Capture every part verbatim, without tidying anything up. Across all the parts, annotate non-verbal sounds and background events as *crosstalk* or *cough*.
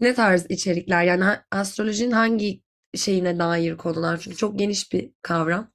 Ne tarz içerikler? Yani ha- astrolojinin hangi şeyine dair konular? Çünkü çok geniş bir kavram.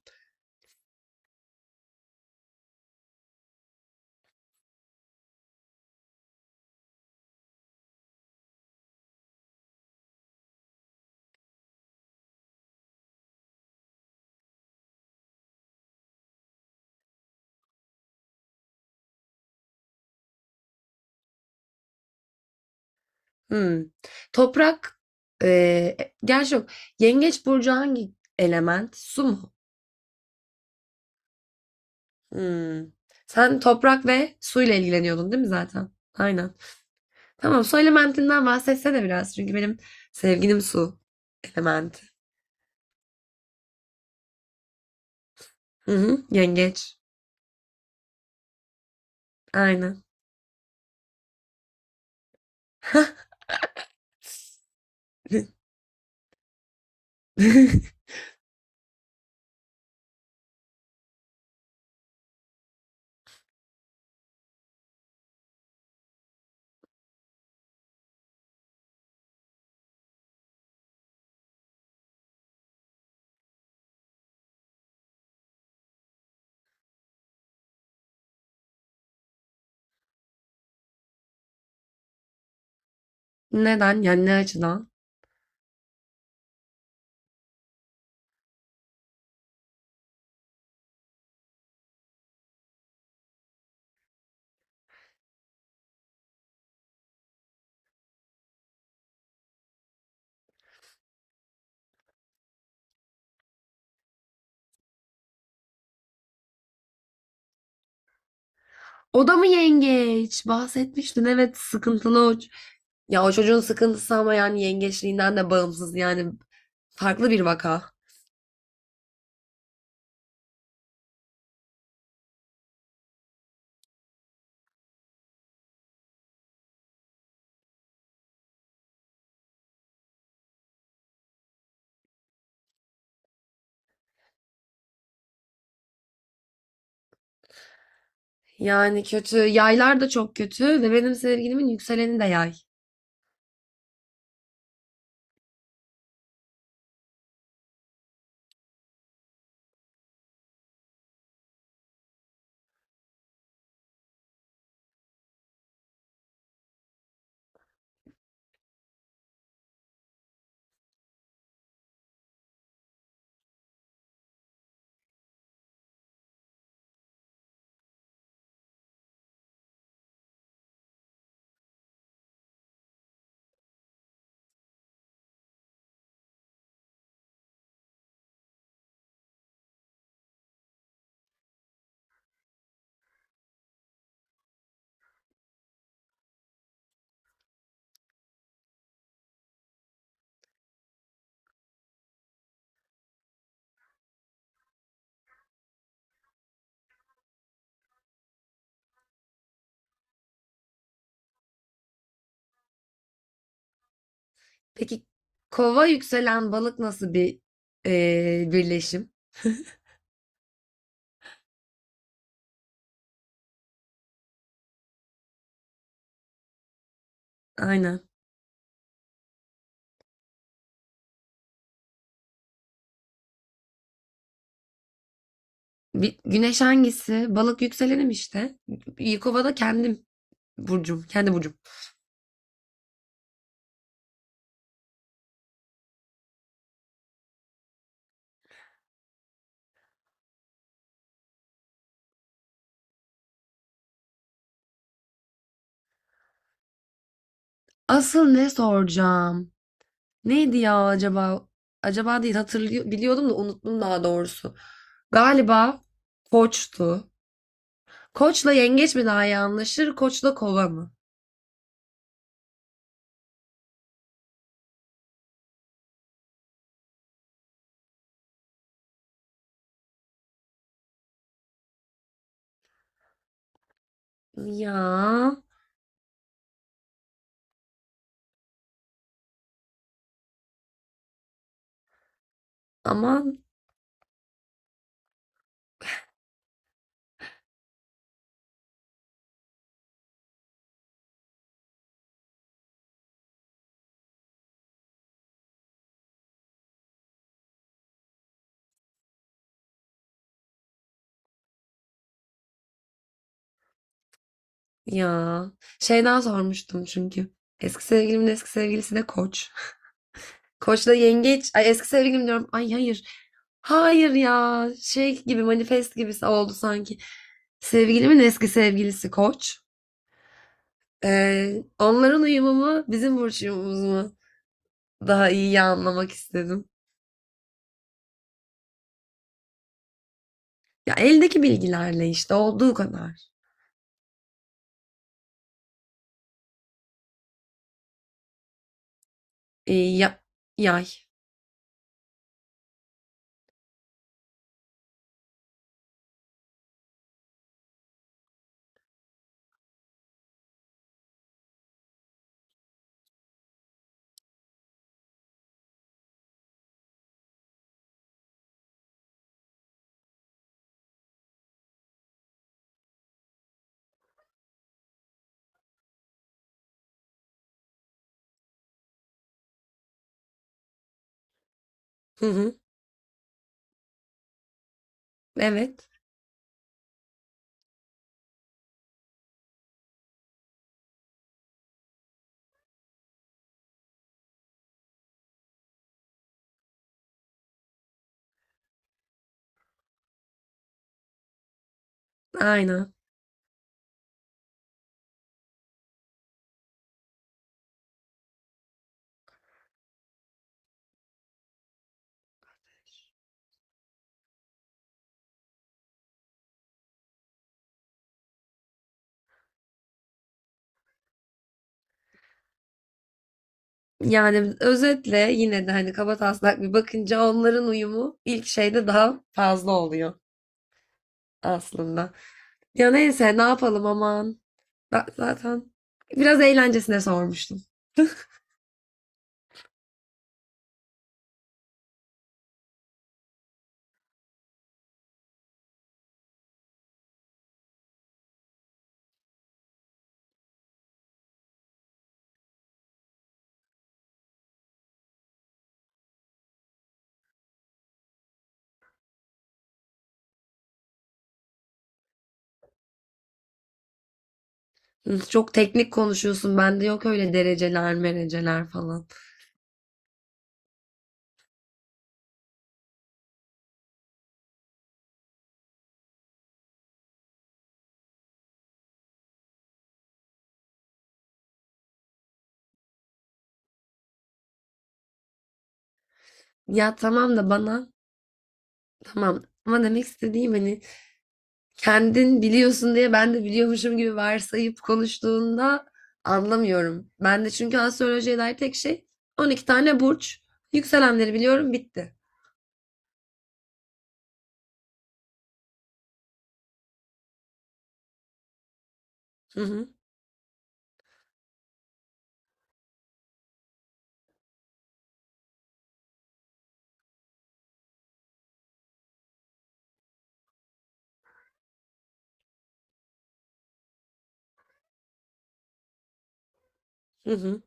Hmm. Toprak, eee gerçi yok. Yengeç burcu hangi element? Su mu? Hmm. Sen toprak ve suyla ilgileniyordun değil mi zaten? Aynen. Tamam, su elementinden bahsetsene biraz. Çünkü benim sevgilim su elementi. Hı hı, yengeç. Aynen. *laughs* Neden? Yani ne açıdan? O da mı yengeç? Bahsetmiştin. Evet, sıkıntılı o. Ya o çocuğun sıkıntısı ama yani yengeçliğinden de bağımsız. Yani farklı bir vaka. Yani kötü. Yaylar da çok kötü ve benim sevgilimin yükseleni de yay. Peki kova yükselen balık nasıl bir eee, birleşim? Aynen. Bir, güneş hangisi? Balık yükselenim işte. Yıkova'da kendim burcum. Kendi burcum. Asıl ne soracağım? Neydi ya acaba? Acaba değil, hatırlıyor biliyordum da unuttum daha doğrusu. Galiba koçtu. Koçla yengeç mi daha iyi anlaşır? Koçla kova mı? Ya aman ya. Şeyden sormuştum çünkü. Eski sevgilimin eski sevgilisi de koç. Koçla yengeç. Ay, eski sevgilim diyorum. Ay hayır. Hayır ya. Şey gibi, manifest gibisi oldu sanki. Sevgilimin eski sevgilisi koç. Ee, onların uyumu mu bizim burç uyumumuz mu? Daha iyi anlamak istedim. Ya eldeki bilgilerle işte olduğu kadar. Ee, ya- yay. Hı hı. Evet. Aynen. Yani özetle yine de hani kabataslak bir bakınca onların uyumu ilk şeyde daha fazla oluyor aslında. Ya neyse, ne yapalım, aman. Ben zaten biraz eğlencesine sormuştum. Çok teknik konuşuyorsun. Bende yok öyle dereceler, mereceler falan. Ya tamam da bana tamam. Ama demek istediğim hani, kendin biliyorsun diye ben de biliyormuşum gibi varsayıp konuştuğunda anlamıyorum. Ben de çünkü astrolojiye dair tek şey on iki tane burç. Yükselenleri biliyorum, bitti. Hı hı, hı hı.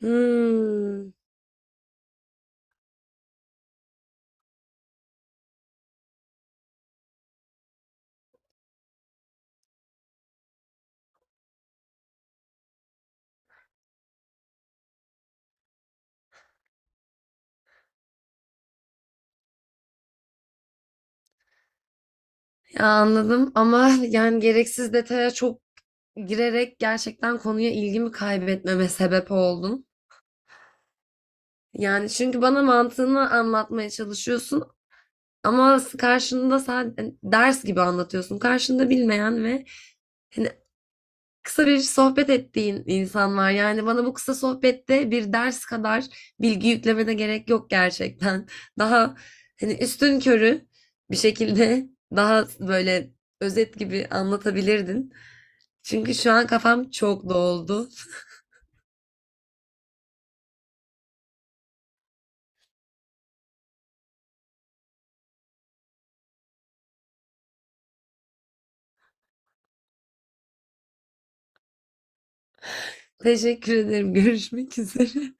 Hmm. Ya anladım ama *laughs* yani gereksiz detaya çok girerek gerçekten konuya ilgimi kaybetmeme sebep oldun. Yani çünkü bana mantığını anlatmaya çalışıyorsun ama karşında, sadece hani, ders gibi anlatıyorsun. Karşında bilmeyen ve hani kısa bir sohbet ettiğin insan var. Yani bana bu kısa sohbette bir ders kadar bilgi yüklemene gerek yok gerçekten. *laughs* Daha hani üstünkörü bir şekilde, daha böyle özet gibi anlatabilirdin. Çünkü şu an kafam çok doldu. *laughs* Teşekkür ederim. Görüşmek üzere.